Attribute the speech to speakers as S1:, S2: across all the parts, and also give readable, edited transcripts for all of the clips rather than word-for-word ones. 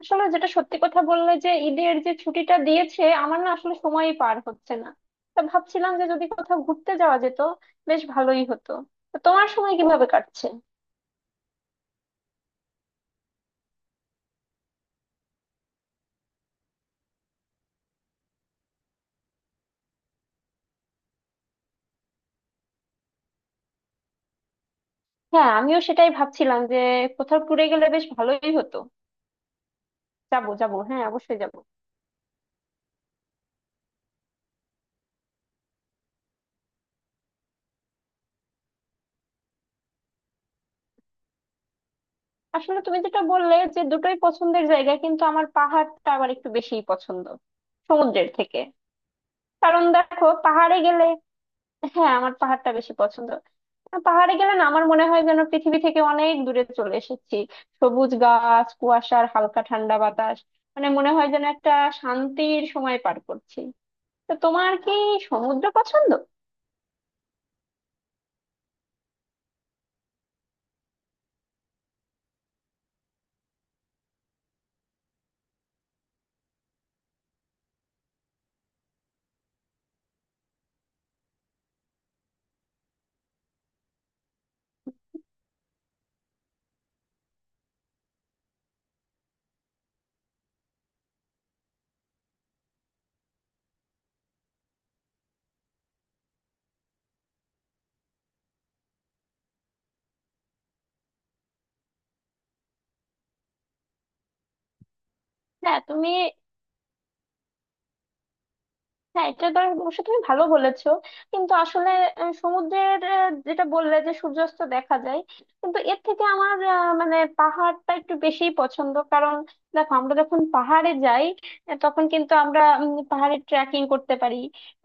S1: আসলে যেটা সত্যি কথা বললে যে ঈদের যে ছুটিটা দিয়েছে আমার না আসলে সময়ই পার হচ্ছে না। তা ভাবছিলাম যে যদি কোথাও ঘুরতে যাওয়া যেত, বেশ ভালোই হতো। তো তোমার সময় কিভাবে কাটছে? হ্যাঁ, আমিও সেটাই ভাবছিলাম যে কোথাও ট্যুরে গেলে বেশ ভালোই হতো। যাবো যাবো, হ্যাঁ, অবশ্যই যাবো। আসলে তুমি যেটা বললে যে দুটোই পছন্দের জায়গা, কিন্তু আমার পাহাড়টা আবার একটু বেশিই পছন্দ সমুদ্রের থেকে। কারণ দেখো, পাহাড়ে গেলে। হ্যাঁ, আমার পাহাড়টা বেশি পছন্দ। আর পাহাড়ে গেলে না, আমার মনে হয় যেন পৃথিবী থেকে অনেক দূরে চলে এসেছি। সবুজ গাছ, কুয়াশার হালকা ঠান্ডা বাতাস, মানে মনে হয় যেন একটা শান্তির সময় পার করছি। তো তোমার কি সমুদ্র পছন্দ? হ্যাঁ, তুমি। হ্যাঁ, এটা তো অবশ্য তুমি ভালো বলেছো। কিন্তু আসলে সমুদ্রের যেটা বললে যে সূর্যাস্ত দেখা যায়। কিন্তু এর থেকে আমার মানে পাহাড়টা একটু বেশি পছন্দ কারণ দেখো, আমরা যখন পাহাড়ে যাই, তখন কিন্তু আমরা পাহাড়ে ট্রেকিং করতে পারি।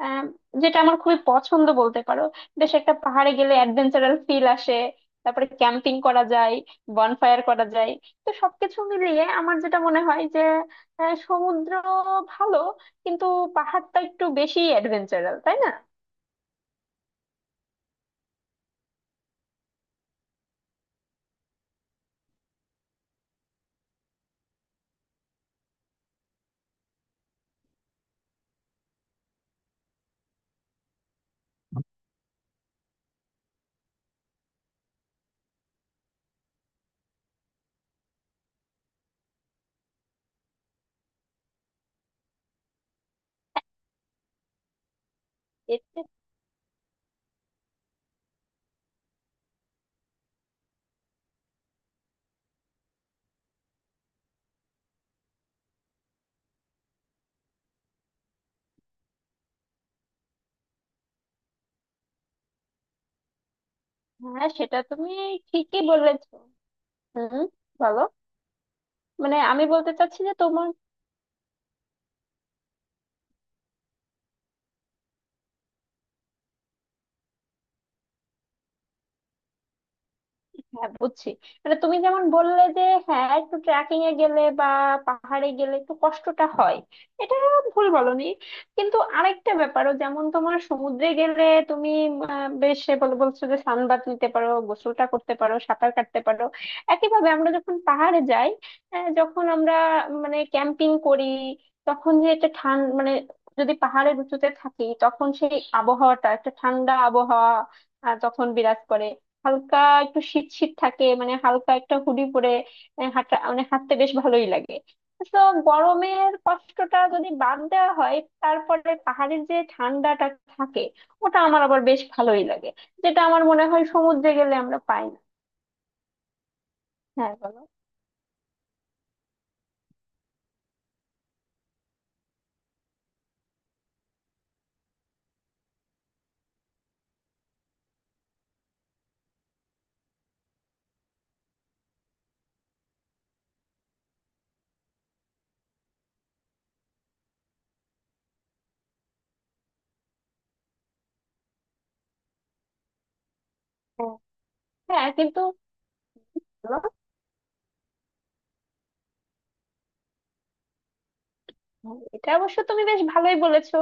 S1: আহ, যেটা আমার খুবই পছন্দ বলতে পারো। বেশ একটা, পাহাড়ে গেলে অ্যাডভেঞ্চারাল ফিল আসে। তারপরে ক্যাম্পিং করা যায়, বনফায়ার করা যায়। তো সবকিছু মিলিয়ে আমার যেটা মনে হয় যে সমুদ্র ভালো, কিন্তু পাহাড়টা একটু বেশি অ্যাডভেঞ্চারাল, তাই না? এতে। হ্যাঁ, সেটা তুমি ঠিকই বলেছো। হুম। বলো। মানে আমি বলতে চাচ্ছি যে তোমার। হ্যাঁ, বুঝছি। মানে তুমি যেমন বললে যে হ্যাঁ, একটু ট্রেকিং এ গেলে বা পাহাড়ে গেলে একটু কষ্টটা হয়, এটা ভুল বলনি। কিন্তু আরেকটা ব্যাপারও, যেমন তোমার সমুদ্রে গেলে তুমি বেশ বলছো যে সানবাথ নিতে পারো, গোসলটা করতে পারো, সাঁতার কাটতে পারো। একইভাবে আমরা যখন পাহাড়ে যাই, যখন আমরা মানে ক্যাম্পিং করি, তখন যে একটা মানে, যদি পাহাড়ের উঁচুতে থাকি তখন সেই আবহাওয়াটা একটা ঠান্ডা আবহাওয়া তখন বিরাজ করে। হালকা একটু শীত শীত থাকে, মানে হালকা একটা হুডি পরে হাঁটা মানে হাঁটতে বেশ ভালোই লাগে। তো গরমের কষ্টটা যদি বাদ দেওয়া হয়, তারপরে পাহাড়ের যে ঠান্ডাটা থাকে ওটা আমার আবার বেশ ভালোই লাগে, যেটা আমার মনে হয় সমুদ্রে গেলে আমরা পাই না। হ্যাঁ, বলো। হ্যাঁ, হ্যাঁ, কিন্তু এটা অবশ্য তুমি বেশ ভালোই বলেছো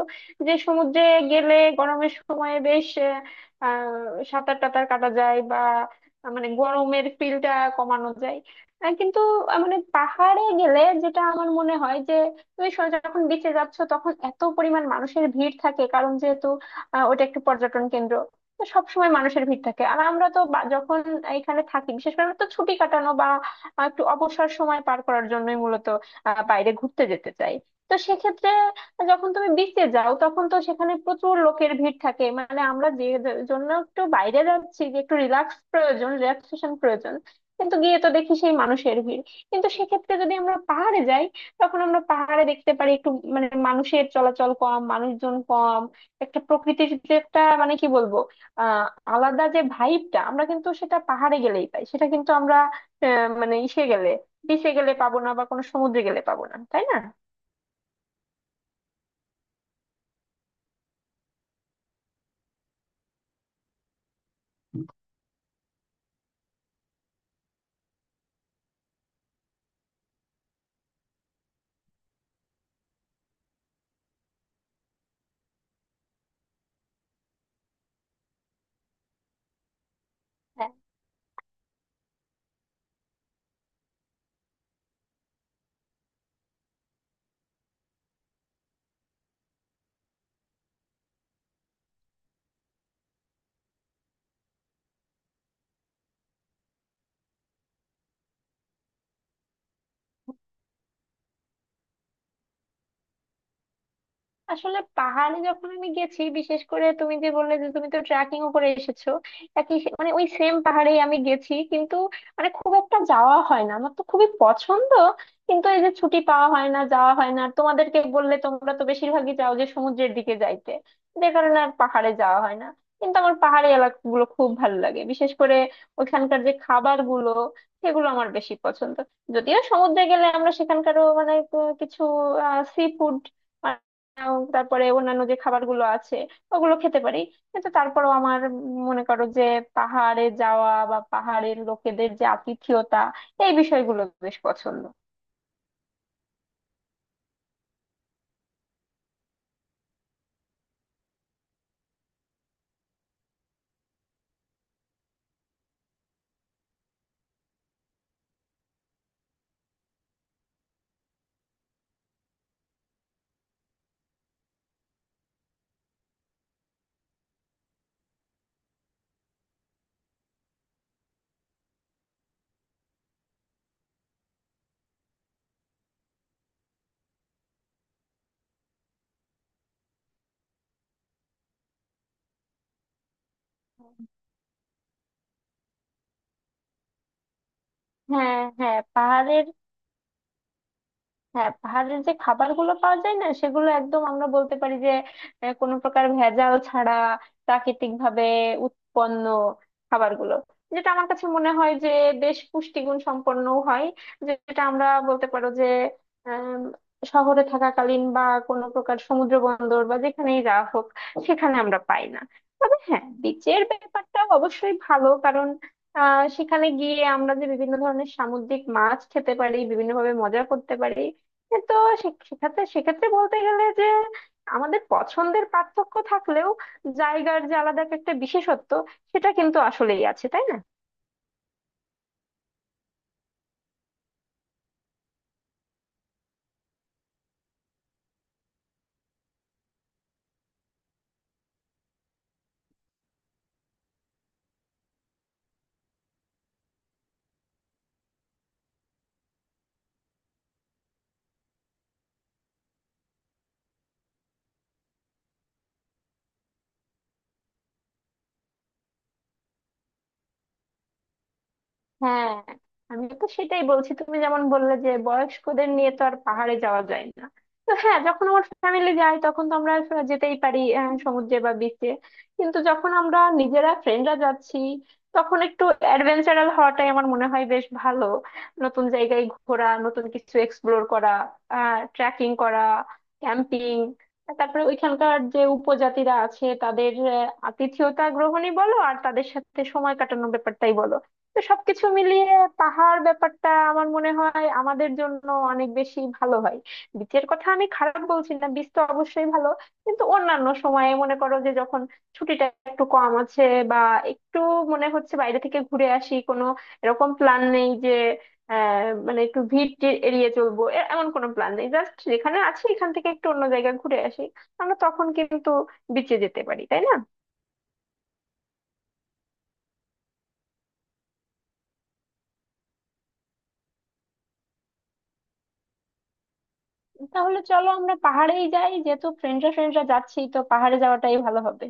S1: যে সমুদ্রে গেলে গরমের সময় বেশ সাঁতার টাতার কাটা যায়, বা মানে গরমের ফিলটা কমানো যায়। কিন্তু মানে পাহাড়ে গেলে যেটা আমার মনে হয় যে তুমি যখন বিচে যাচ্ছ তখন এত পরিমাণ মানুষের ভিড় থাকে, কারণ যেহেতু ওটা একটি পর্যটন কেন্দ্র। তো সবসময় মানুষের ভিড় থাকে। আর আমরা তো যখন এখানে থাকি, বিশেষ করে আমরা তো ছুটি কাটানো বা একটু অবসর সময় পার করার জন্যই মূলত বাইরে ঘুরতে যেতে চাই। তো সেক্ষেত্রে যখন তুমি বিচে যাও তখন তো সেখানে প্রচুর লোকের ভিড় থাকে, মানে আমরা যে যে- জন্য একটু বাইরে যাচ্ছি, যে একটু রিল্যাক্স প্রয়োজন, রিল্যাক্সেশন প্রয়োজন। কিন্তু গিয়ে তো দেখি সেই মানুষের ভিড়। কিন্তু সেক্ষেত্রে যদি আমরা পাহাড়ে যাই, তখন আমরা পাহাড়ে দেখতে পারি একটু, মানে মানুষের চলাচল কম, মানুষজন কম। একটা প্রকৃতির যে একটা, মানে কি বলবো, আহ আলাদা যে ভাইবটা আমরা কিন্তু সেটা পাহাড়ে গেলেই পাই। সেটা কিন্তু আমরা মানে গেলে, বিচে গেলে পাবো না, বা কোনো সমুদ্রে গেলে পাবো না, তাই না? আসলে পাহাড়ে যখন আমি গেছি, বিশেষ করে তুমি যে বললে যে তুমি তো ট্রেকিং ও করে এসেছো, একই মানে ওই সেম পাহাড়েই আমি গেছি। কিন্তু মানে খুব একটা যাওয়া হয় না, আমার তো খুবই পছন্দ। কিন্তু এই যে ছুটি পাওয়া হয় না, যাওয়া হয় না, আর তোমাদেরকে বললে তোমরা তো বেশিরভাগই যাও যে সমুদ্রের দিকে যাইতে, যে কারণে আর পাহাড়ে যাওয়া হয় না। কিন্তু আমার পাহাড়ি এলাকাগুলো খুব ভালো লাগে, বিশেষ করে ওইখানকার যে খাবার গুলো, সেগুলো আমার বেশি পছন্দ। যদিও সমুদ্রে গেলে আমরা সেখানকারও মানে কিছু সি ফুড তারপরে অন্যান্য যে খাবারগুলো আছে ওগুলো খেতে পারি। কিন্তু তারপরেও আমার মনে করো যে পাহাড়ে যাওয়া বা পাহাড়ের লোকেদের যে আতিথেয়তা, এই বিষয়গুলো বেশ পছন্দ। হ্যাঁ, হ্যাঁ, পাহাড়ের। হ্যাঁ, পাহাড়ের যে খাবারগুলো পাওয়া যায় না সেগুলো একদম, আমরা বলতে পারি যে কোনো প্রকার ভেজাল ছাড়া, প্রাকৃতিক ভাবে উৎপন্ন খাবারগুলো, যেটা আমার কাছে মনে হয় যে বেশ পুষ্টিগুণ সম্পন্ন হয়। যেটা আমরা বলতে পারো যে আম, শহরে থাকাকালীন বা কোনো প্রকার সমুদ্র বন্দর বা যেখানেই যাওয়া হোক, সেখানে আমরা পাই না। তবে হ্যাঁ, বিচের ব্যাপারটা অবশ্যই ভালো, কারণ সেখানে গিয়ে আমরা যে বিভিন্ন ধরনের সামুদ্রিক মাছ খেতে পারি, বিভিন্নভাবে মজা করতে পারি। এ তো সে- সেক্ষেত্রে সেক্ষেত্রে বলতে গেলে যে আমাদের পছন্দের পার্থক্য থাকলেও জায়গার যে আলাদা একটা বিশেষত্ব, সেটা কিন্তু আসলেই আছে, তাই না? হ্যাঁ, আমি তো সেটাই বলছি, তুমি যেমন বললে যে বয়স্কদের নিয়ে তো আর পাহাড়ে যাওয়া যায় না। তো হ্যাঁ, যখন আমার ফ্যামিলি যায় তখন তো আমরা যেতেই পারি সমুদ্রে বা বিচে। কিন্তু যখন আমরা নিজেরা ফ্রেন্ডরা যাচ্ছি, তখন একটু অ্যাডভেঞ্চারাল হওয়াটাই আমার মনে হয় বেশ ভালো। নতুন জায়গায় ঘোরা, নতুন কিছু এক্সপ্লোর করা, ট্রেকিং করা, ক্যাম্পিং, তারপরে ওইখানকার যে উপজাতিরা আছে তাদের আতিথেয়তা গ্রহণই বলো আর তাদের সাথে সময় কাটানোর ব্যাপারটাই বলো। তো সবকিছু মিলিয়ে পাহাড় ব্যাপারটা আমার মনে হয় আমাদের জন্য অনেক বেশি ভালো হয়। বিচের কথা আমি খারাপ বলছি না, বিচ তো অবশ্যই ভালো। কিন্তু অন্যান্য সময়ে মনে করো যে যখন ছুটিটা একটু কম আছে, বা একটু মনে হচ্ছে বাইরে থেকে ঘুরে আসি, কোনো এরকম প্ল্যান নেই যে আহ মানে একটু ভিড় টিড় এড়িয়ে চলবো, এমন কোনো প্ল্যান নেই, জাস্ট যেখানে আছি এখান থেকে একটু অন্য জায়গায় ঘুরে আসি, আমরা তখন কিন্তু বিচে যেতে পারি, তাই না? তাহলে চলো আমরা পাহাড়েই যাই, যেহেতু ফ্রেন্ডরা ফ্রেন্ডরা যাচ্ছি তো পাহাড়ে যাওয়াটাই ভালো হবে।